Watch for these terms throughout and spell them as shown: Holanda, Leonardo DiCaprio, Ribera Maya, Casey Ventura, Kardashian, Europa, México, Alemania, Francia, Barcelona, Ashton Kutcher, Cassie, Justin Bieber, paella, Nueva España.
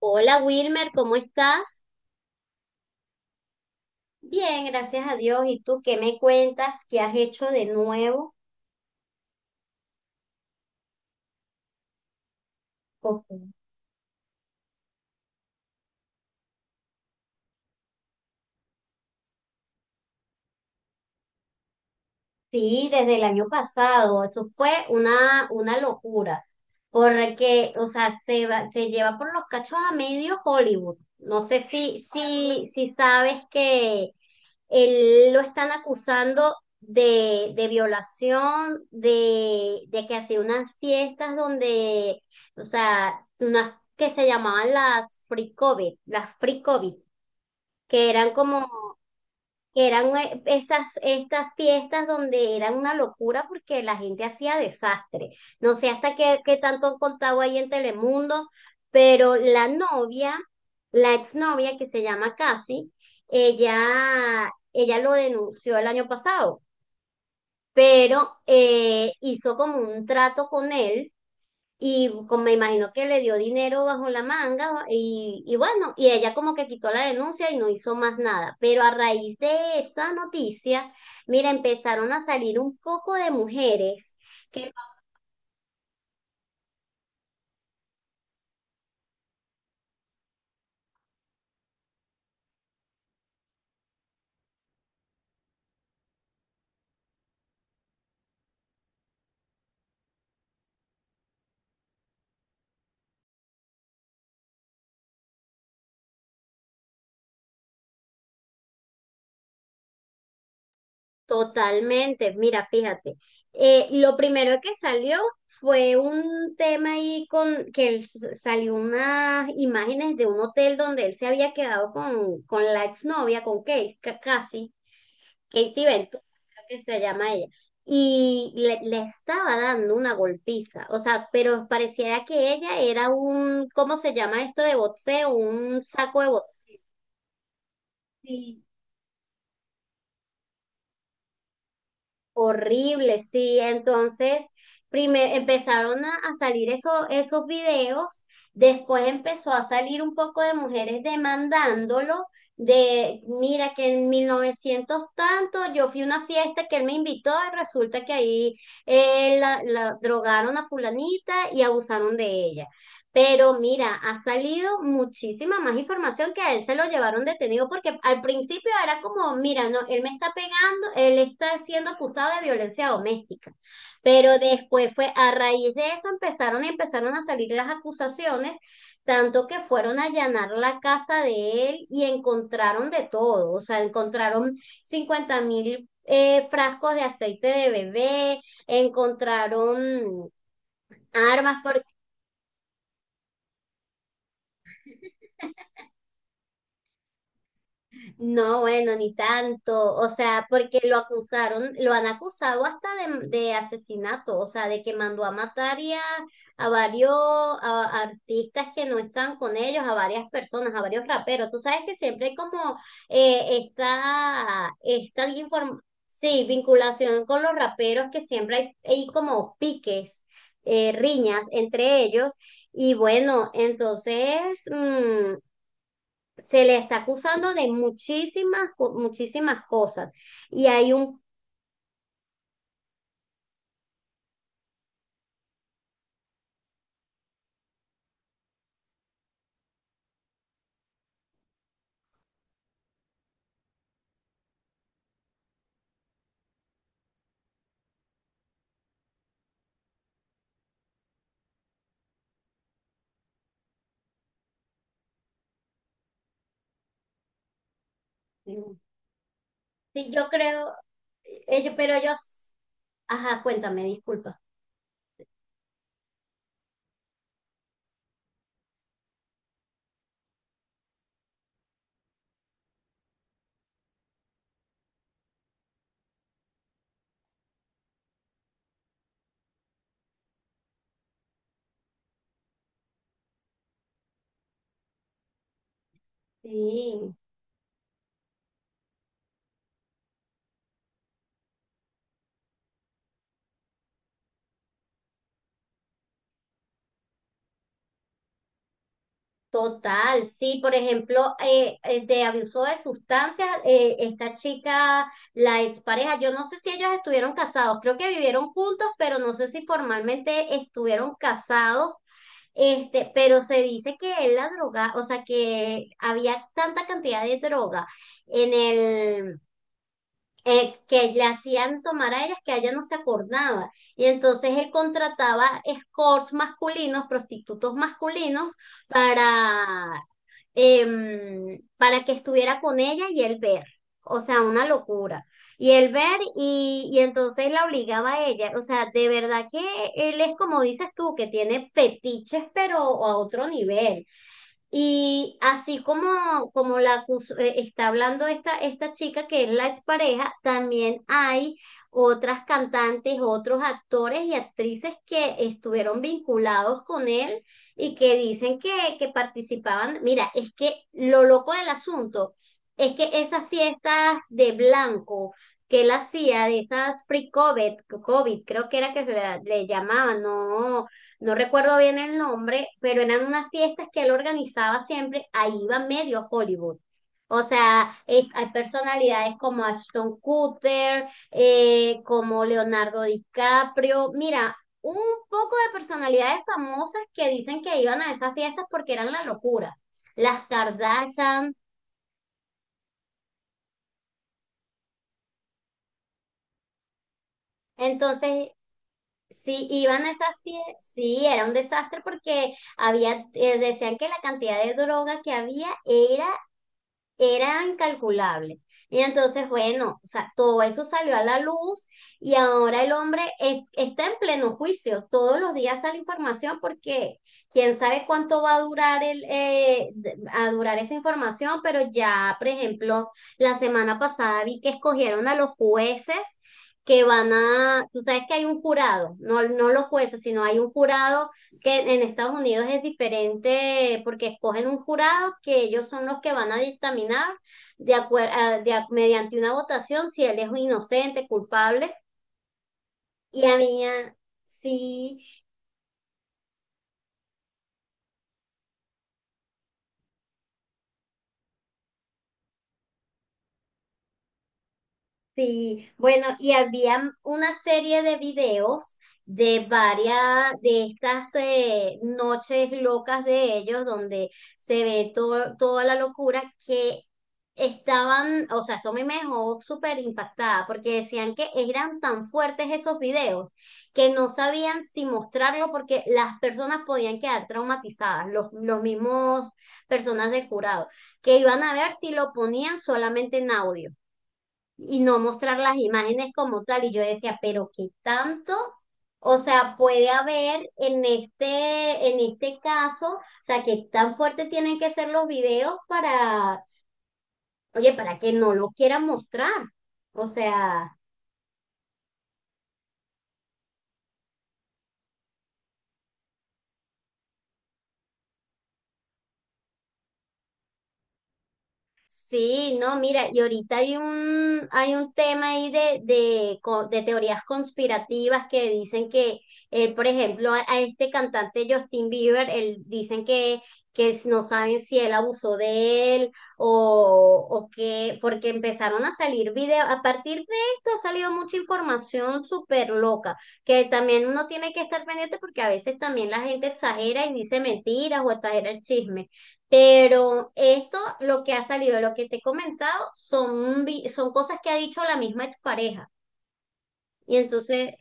Hola Wilmer, ¿cómo estás? Bien, gracias a Dios. ¿Y tú qué me cuentas? ¿Qué has hecho de nuevo? Ok. Sí, desde el año pasado. Eso fue una locura. Porque, o sea, se lleva por los cachos a medio Hollywood. No sé si sabes que. Él lo están acusando de violación, de que hacía unas fiestas donde, o sea, unas que se llamaban las free COVID, que eran estas fiestas donde era una locura porque la gente hacía desastre. No sé hasta qué tanto han contado ahí en Telemundo, pero la exnovia que se llama Cassie, ella lo denunció el año pasado, pero hizo como un trato con él y como me imagino que le dio dinero bajo la manga y, bueno, y ella como que quitó la denuncia y no hizo más nada. Pero a raíz de esa noticia, mira, empezaron a salir un poco de mujeres que totalmente. Mira, fíjate, lo primero que salió fue un tema ahí con que él salió unas imágenes de un hotel donde él se había quedado con la exnovia, con Kate, casi. Casey Ventura, creo que se llama ella. Y le estaba dando una golpiza, o sea, pero pareciera que ella era un... ¿cómo se llama esto de boxeo? Un saco de boxeo. Horrible, sí. Entonces, empezaron a salir esos videos. Después empezó a salir un poco de mujeres demandándolo, de, mira, que en 1900 tanto, yo fui a una fiesta que él me invitó y resulta que ahí la drogaron a fulanita y abusaron de ella. Pero mira, ha salido muchísima más información que a él se lo llevaron detenido, porque al principio era como, mira, no, él me está pegando. Él está siendo acusado de violencia doméstica. Pero después fue, a raíz de eso empezaron a salir las acusaciones, tanto que fueron a allanar la casa de él y encontraron de todo. O sea, encontraron 50.000 frascos de aceite de bebé, encontraron armas. Por No, bueno, ni tanto, o sea, porque lo acusaron, lo han acusado hasta de asesinato, o sea, de que mandó a matar y a varios a artistas que no están con ellos, a varias personas, a varios raperos. Tú sabes que siempre hay como eh, esta, esta inform- sí, vinculación con los raperos, que siempre hay como piques, riñas entre ellos. Y bueno, entonces, mm, se le está acusando de muchísimas, muchísimas cosas. Y hay un, sí, yo creo, ellos, pero ellos, ajá, cuéntame, disculpa. Sí, total, sí, por ejemplo, de abuso de sustancias, esta chica, la expareja, yo no sé si ellos estuvieron casados, creo que vivieron juntos, pero no sé si formalmente estuvieron casados. Pero se dice que él la droga, o sea, que había tanta cantidad de droga en el, que le hacían tomar a ellas, que ella no se acordaba. Y entonces él contrataba escorts masculinos, prostitutos masculinos, para para que estuviera con ella y él ver. O sea, una locura. Y él ver, y entonces la obligaba a ella. O sea, de verdad que él es como dices tú, que tiene fetiches, pero a otro nivel. Y así como está hablando esta chica, que es la expareja, también hay otras cantantes, otros actores y actrices que estuvieron vinculados con él y que dicen que participaban. Mira, es que lo loco del asunto es que esas fiestas de blanco que él hacía, de esas free COVID, COVID creo que era que se le llamaban, no, no recuerdo bien el nombre, pero eran unas fiestas que él organizaba siempre, ahí iba medio Hollywood. O sea, hay personalidades como Ashton Kutcher, como Leonardo DiCaprio. Mira, un poco de personalidades famosas que dicen que iban a esas fiestas porque eran la locura. Las Kardashian. Entonces, sí, iban a esas fiestas. Sí, era un desastre porque había, decían que la cantidad de droga que había era incalculable. Y entonces, bueno, o sea, todo eso salió a la luz y ahora el hombre está en pleno juicio. Todos los días sale información, porque quién sabe cuánto va a durar el, de- a durar esa información, pero ya, por ejemplo, la semana pasada vi que escogieron a los jueces, que van a... tú sabes que hay un jurado, no, no los jueces, sino hay un jurado que en Estados Unidos es diferente, porque escogen un jurado que ellos son los que van a dictaminar de acuer- a- de a- mediante una votación si él es inocente, culpable. Y a mí, ah, sí. Sí, bueno, y había una serie de videos de varias de estas noches locas de ellos, donde se ve toda la locura que estaban, o sea. Eso a mí me dejó súper impactada porque decían que eran tan fuertes esos videos que no sabían si mostrarlo, porque las personas podían quedar traumatizadas, los mismos personas del jurado, que iban a ver si lo ponían solamente en audio y no mostrar las imágenes como tal. Y yo decía, pero qué tanto, o sea, puede haber en este caso, o sea, qué tan fuerte tienen que ser los videos oye, para que no lo quieran mostrar. O sea. Sí, no, mira, y ahorita hay un tema ahí de teorías conspirativas que dicen que, por ejemplo, a este cantante Justin Bieber, él, dicen no saben si él abusó de él o que, porque empezaron a salir videos. A partir de esto ha salido mucha información súper loca, que también uno tiene que estar pendiente porque a veces también la gente exagera y dice mentiras o exagera el chisme. Pero esto, lo que ha salido, lo que te he comentado, son cosas que ha dicho la misma expareja. Y entonces,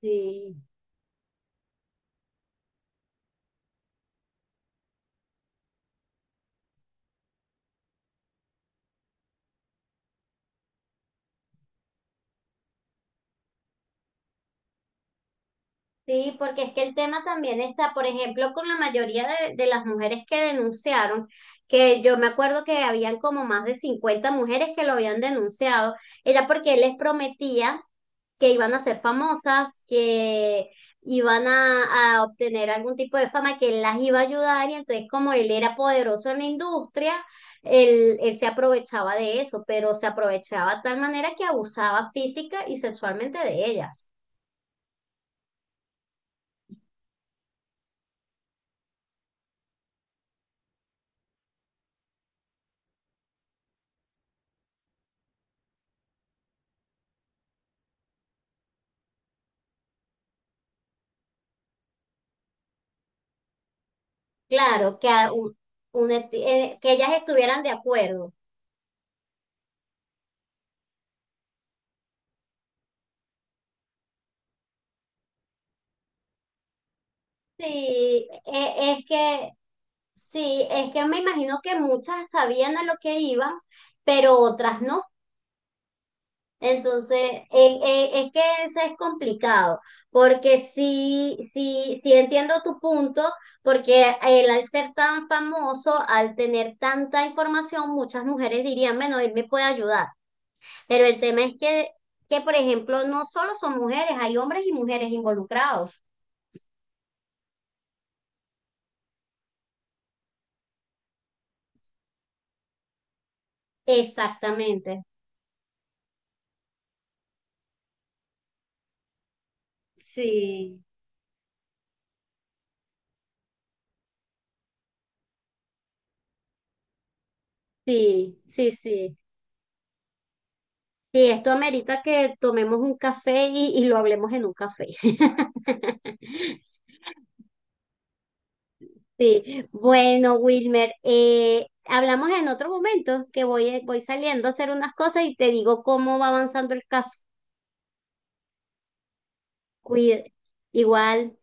sí, sí, porque es que el tema también está, por ejemplo, con la mayoría de las mujeres que denunciaron, que yo me acuerdo que habían como más de 50 mujeres que lo habían denunciado, era porque él les prometía que iban a ser famosas, que iban a obtener algún tipo de fama, que él las iba a ayudar, y entonces como él era poderoso en la industria, él se aprovechaba de eso, pero se aprovechaba de tal manera que abusaba física y sexualmente de ellas. Claro, que, a un eti- que ellas estuvieran de acuerdo. Sí, es que, sí, es que me imagino que muchas sabían a lo que iban, pero otras no. Entonces, es que eso es complicado, porque sí, sí, sí entiendo tu punto, porque él al ser tan famoso, al tener tanta información, muchas mujeres dirían, bueno, él me puede ayudar. Pero el tema es que, por ejemplo, no solo son mujeres, hay hombres y mujeres involucrados. Exactamente. Sí, sí, sí, sí. Sí, esto amerita que tomemos un café y lo hablemos en un café. Sí, bueno, Wilmer, hablamos en otro momento, que voy saliendo a hacer unas cosas y te digo cómo va avanzando el caso. Cuide, igual.